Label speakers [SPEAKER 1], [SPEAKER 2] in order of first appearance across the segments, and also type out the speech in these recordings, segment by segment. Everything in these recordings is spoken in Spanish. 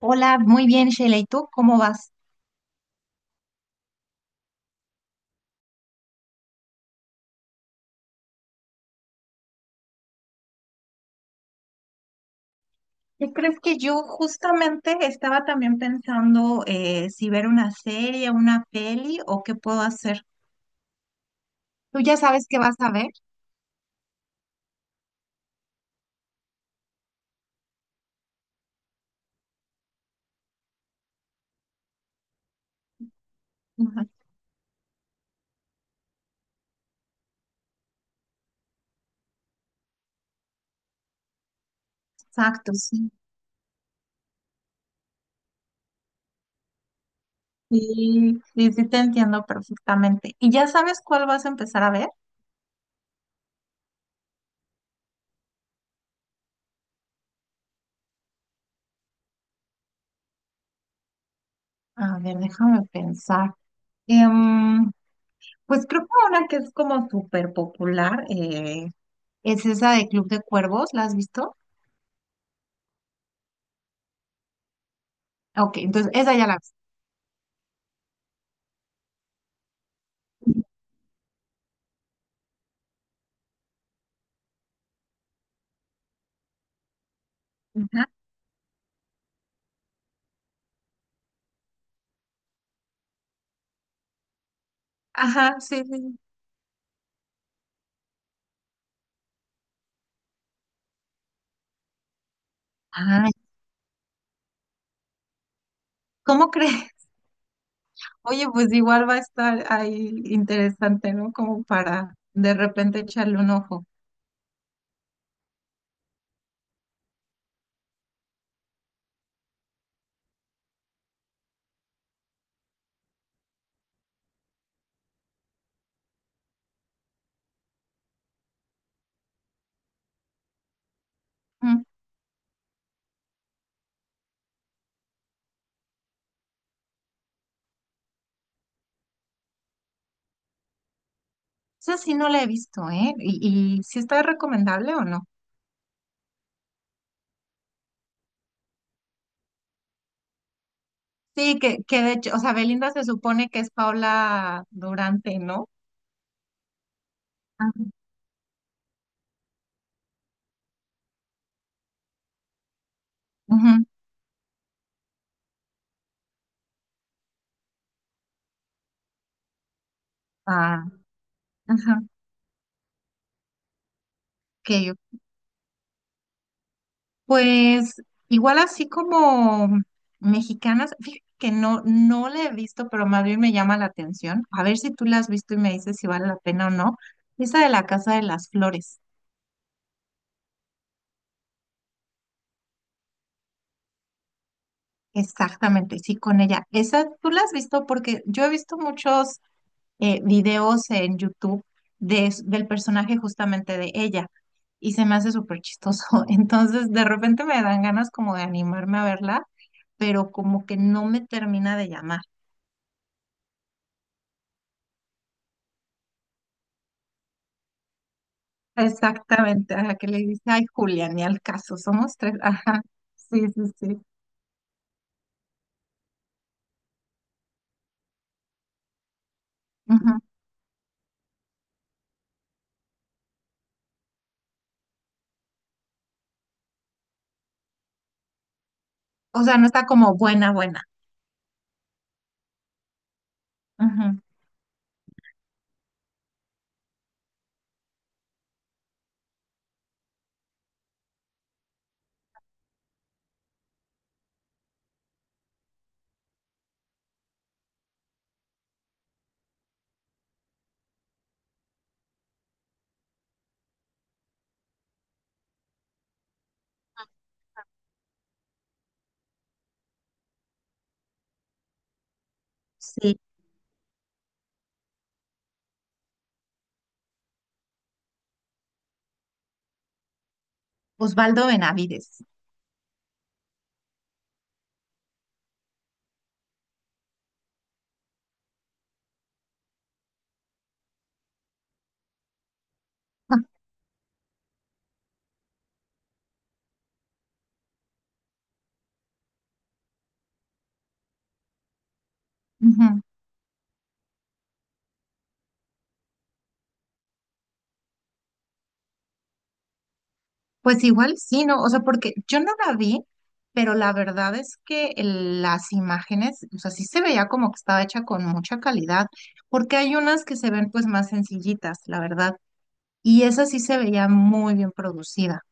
[SPEAKER 1] Hola, muy bien, Sheila. ¿Y tú cómo vas? ¿Qué crees? Que yo justamente estaba también pensando si ver una serie, una peli o qué puedo hacer. ¿Tú ya sabes qué vas a ver? Ujú. Exacto, sí. Sí, sí, sí, te entiendo perfectamente. ¿Y ya sabes cuál vas a empezar a ver? A ver, déjame pensar. Em, pues creo que una que es como súper popular es esa de Club de Cuervos. ¿La has visto? Ok, entonces esa ya la vi. Ajá. Ajá, sí, sí. Ay, ¿cómo crees? Oye, pues igual va a estar ahí interesante, ¿no? Como para de repente echarle un ojo. Mm, Esa sí no la he visto, ¿eh? Y sí está recomendable o no? Sí, que de hecho, o sea, Belinda se supone que es Paula Durante, ¿no? Ah, ujú. Ah, ajá. Ok. Pues igual así como mexicanas, fíjate que no, no la he visto, pero más bien me llama la atención. A ver si tú la has visto y me dices si vale la pena o no. Esa de la Casa de las Flores, exactamente, sí, con ella. Esa tú la has visto, porque yo he visto muchos videos en YouTube de, del personaje justamente de ella y se me hace súper chistoso. Entonces de repente me dan ganas como de animarme a verla, pero como que no me termina de llamar. Exactamente, ajá, que le dice, ay, Julia, ni al caso, somos tres, ajá, sí, sí, sí, ujú. O sea, no está como buena, buena, ujú. Sí. Osvaldo Benavides. Ujú. Pues igual sí, ¿no? O sea, porque yo no la vi, pero la verdad es que las imágenes, o sea, sí se veía como que estaba hecha con mucha calidad, porque hay unas que se ven pues más sencillitas, la verdad, y esa sí se veía muy bien producida,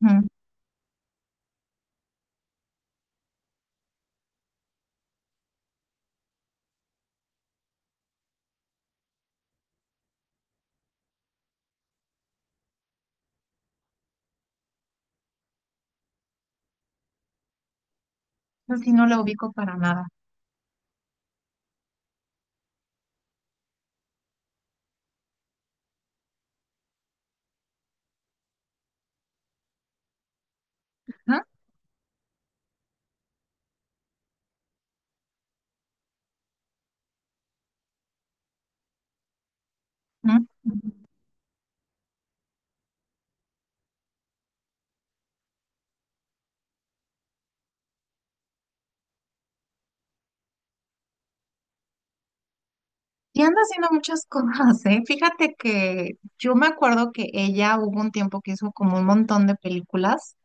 [SPEAKER 1] ujú. Esa sí no la ubico para nada, ajá, ujú. Y anda haciendo muchas cosas, ¿eh? Fíjate que yo me acuerdo que ella hubo un tiempo que hizo como un montón de películas,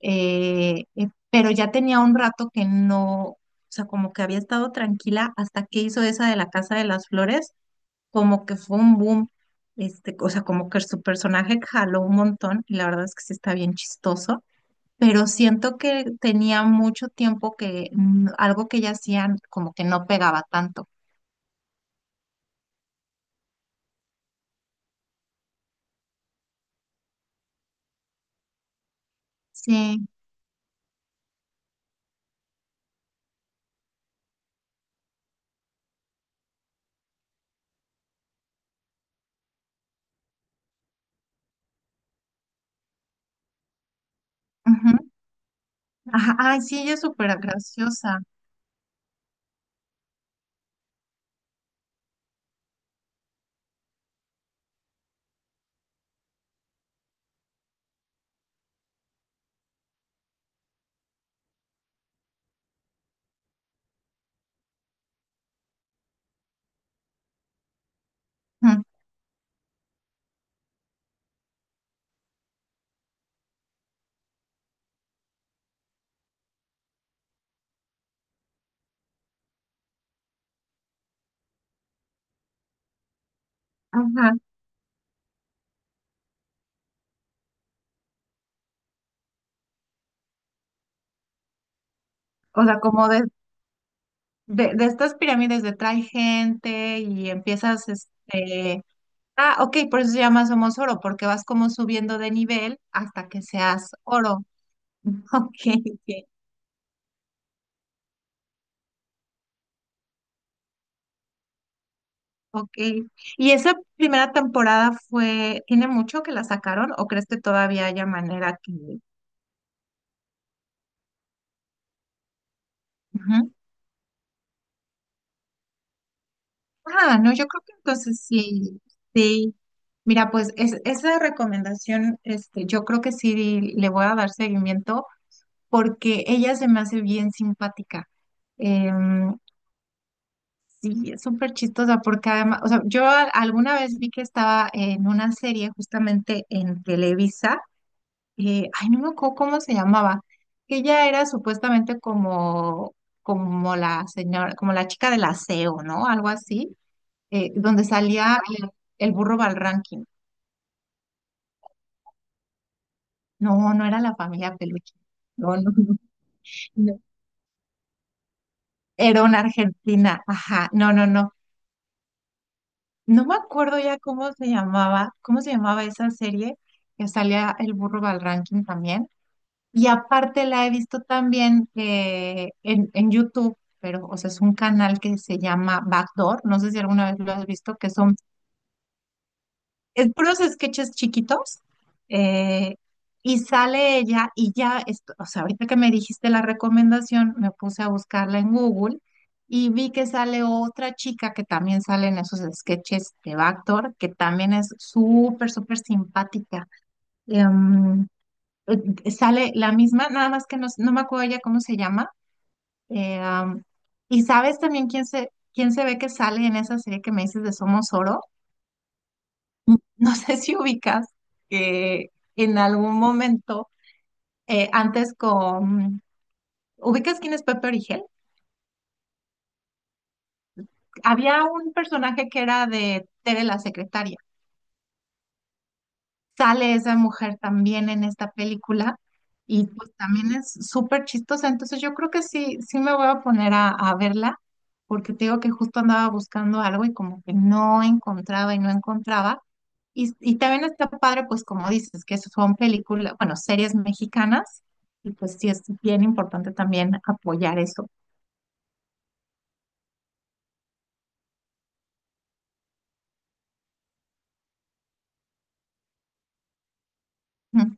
[SPEAKER 1] pero ya tenía un rato que no, o sea, como que había estado tranquila hasta que hizo esa de la Casa de las Flores, como que fue un boom, este, o sea, como que su personaje jaló un montón y la verdad es que sí está bien chistoso, pero siento que tenía mucho tiempo que algo que ella hacía como que no pegaba tanto. Sí. Ajá, ay, sí, ella es súper graciosa. Ujú. Ajá. O sea, como de estas pirámides de trae gente y empiezas, este, ah, ok, por eso se llama Somos Oro, porque vas como subiendo de nivel hasta que seas oro. Ok, ok. Ok. ¿Y esa primera temporada fue, tiene mucho que la sacaron o crees que todavía haya manera que... Ujú. Ah, no, yo creo que entonces sí, sí. Mira, pues es, esa recomendación, este, yo creo que sí le voy a dar seguimiento porque ella se me hace bien simpática. Em, sí, es súper chistosa porque además, o sea, yo alguna vez vi que estaba en una serie justamente en Televisa, ay, no me acuerdo cómo se llamaba, que ella era supuestamente como, como la señora, como la chica del aseo, ¿no? Algo así donde salía el burro Valranking. No, no era la familia Peluche. No, no, no. No. Era una argentina. Ajá, no, no, no. No me acuerdo ya cómo se llamaba esa serie que salía el burro Valranking también. Y aparte la he visto también en YouTube, pero, o sea, es un canal que se llama Backdoor. No sé si alguna vez lo has visto, que son es puros sketches chiquitos, eh, y sale ella y ya, o sea, ahorita que me dijiste la recomendación, me puse a buscarla en Google y vi que sale otra chica que también sale en esos sketches de Bactor, que también es súper, súper simpática. Em, sale la misma, nada más que no, no me acuerdo ya cómo se llama. eh, am, y sabes también quién se ve que sale en esa serie que me dices de Somos Oro. No sé si ubicas que en algún momento, antes con, ¿ubicas quién es Pepe Origel? Había un personaje que era de Tere la secretaria. Sale esa mujer también en esta película y pues también es súper chistosa. Entonces yo creo que sí, sí me voy a poner a verla porque te digo que justo andaba buscando algo y como que no encontraba y no encontraba. Y también está padre, pues como dices, que son películas, bueno, series mexicanas y pues sí es bien importante también apoyar eso. Ujú.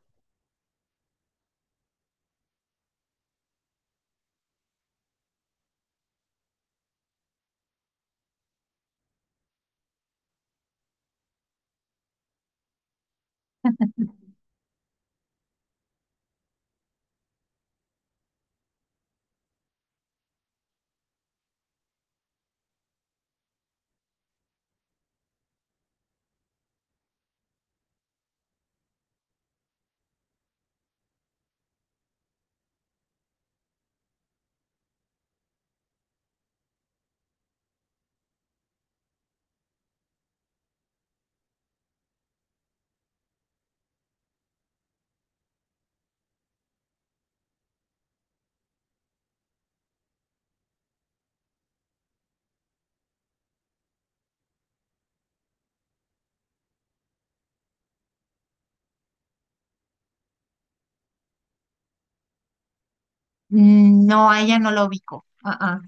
[SPEAKER 1] No, a ella no lo ubico. Ah, ah.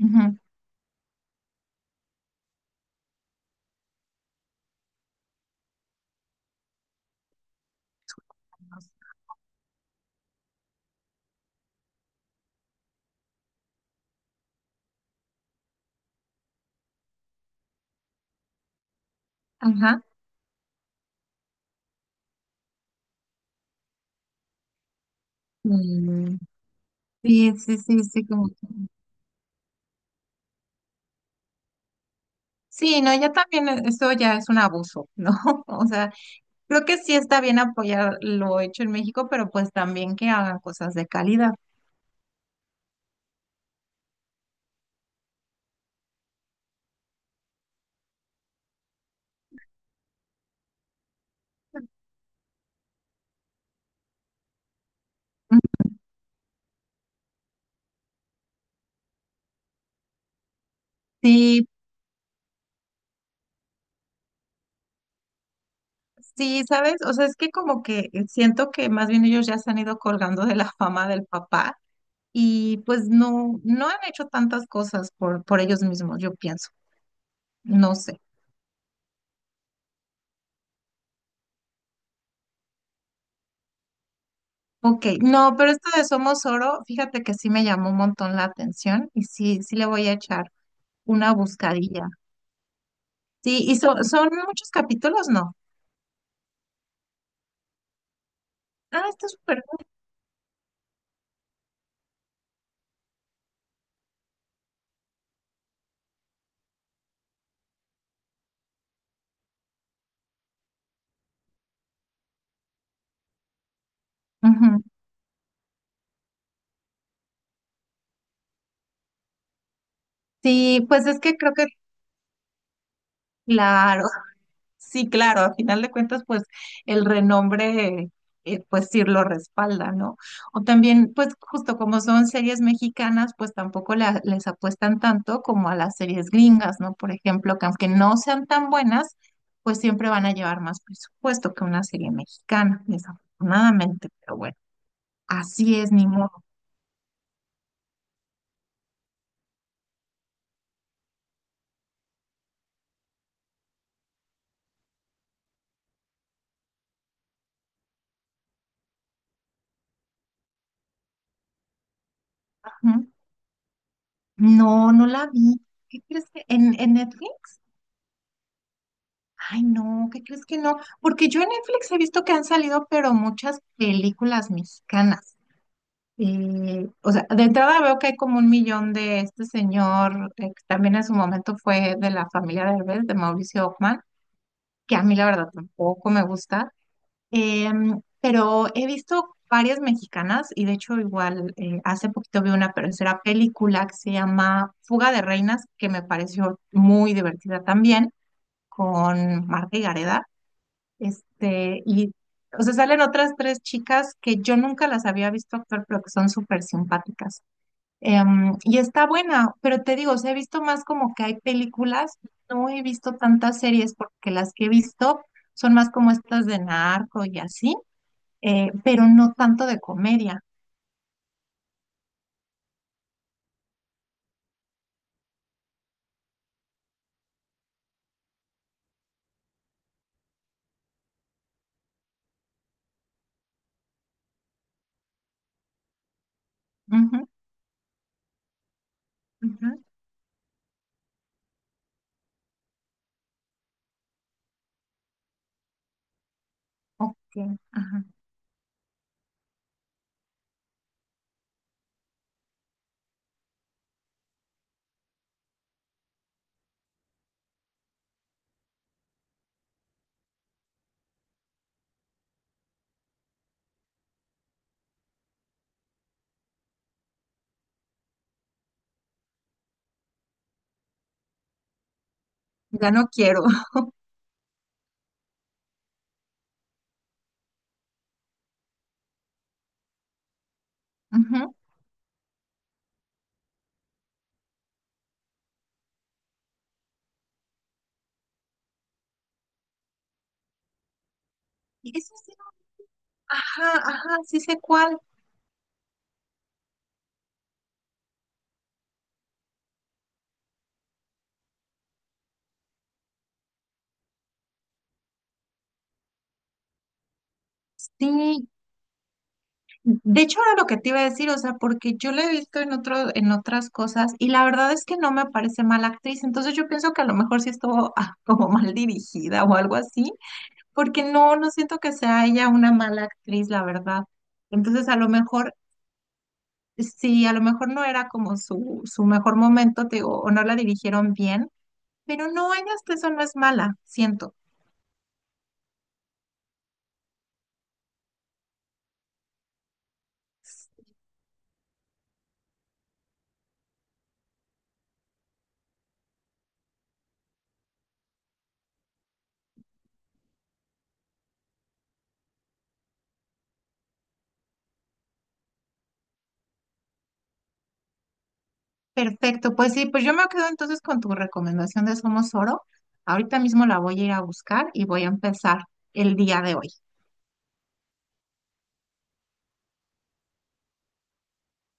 [SPEAKER 1] Ujú. Ajá. Mm, Sí, sí, sí, sí, como que... Sí, no, ya también eso ya es un abuso, ¿no? O sea, creo que sí está bien apoyar lo hecho en México, pero pues también que hagan cosas de calidad. Sí, sí, ¿sabes? O sea, es que como que siento que más bien ellos ya se han ido colgando de la fama del papá y pues no, no han hecho tantas cosas por ellos mismos, yo pienso. No sé. Ok, no, pero esto de Somos Oro, fíjate que sí me llamó un montón la atención y sí, sí le voy a echar una buscadilla. Sí, y son muchos capítulos, ¿no? Ah, está súper bien. Ujú. Sí, pues es que creo que, claro, sí, claro, a final de cuentas, pues el renombre, pues sí lo respalda, ¿no? O también, pues justo como son series mexicanas, pues tampoco les apuestan tanto como a las series gringas, ¿no? Por ejemplo, que aunque no sean tan buenas, pues siempre van a llevar más presupuesto que una serie mexicana, desafortunadamente, pero bueno, así es, ni modo. No, no la vi. ¿Qué crees que en Netflix? Ay, no, ¿qué crees que no? Porque yo en Netflix he visto que han salido, pero muchas películas mexicanas. O sea, de entrada veo que hay como un millón de este señor, que también en su momento fue de la familia Derbez, de Mauricio Ockman, que a mí la verdad tampoco me gusta. Pero he visto varias mexicanas y de hecho igual hace poquito vi una tercera película que se llama Fuga de Reinas, que me pareció muy divertida también, con Marta y Gareda. Este, y o sea, salen otras tres chicas que yo nunca las había visto actuar, pero que son súper simpáticas. Y está buena, pero te digo, o sea, he visto más como que hay películas, no he visto tantas series porque las que he visto son más como estas de narco y así pero no tanto de comedia. Ujú, ujú, ok, ajá. Ya no quiero. Ujú. Y eso sí, ajá, ajá, sí sé cuál. Sí, de hecho era lo que te iba a decir, o sea, porque yo la he visto en otro, en otras cosas y la verdad es que no me parece mala actriz, entonces yo pienso que a lo mejor sí estuvo ah, como mal dirigida o algo así, porque no, no siento que sea ella una mala actriz, la verdad. Entonces a lo mejor sí, a lo mejor no era como su mejor momento, te digo, o no la dirigieron bien, pero no, ella hasta eso no es mala, siento. Perfecto, pues sí, pues yo me quedo entonces con tu recomendación de Somos Oro. Ahorita mismo la voy a ir a buscar y voy a empezar el día de hoy.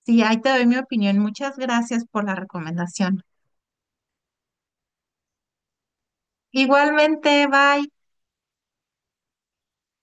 [SPEAKER 1] Sí, ahí te doy mi opinión. Muchas gracias por la recomendación. Igualmente, bye.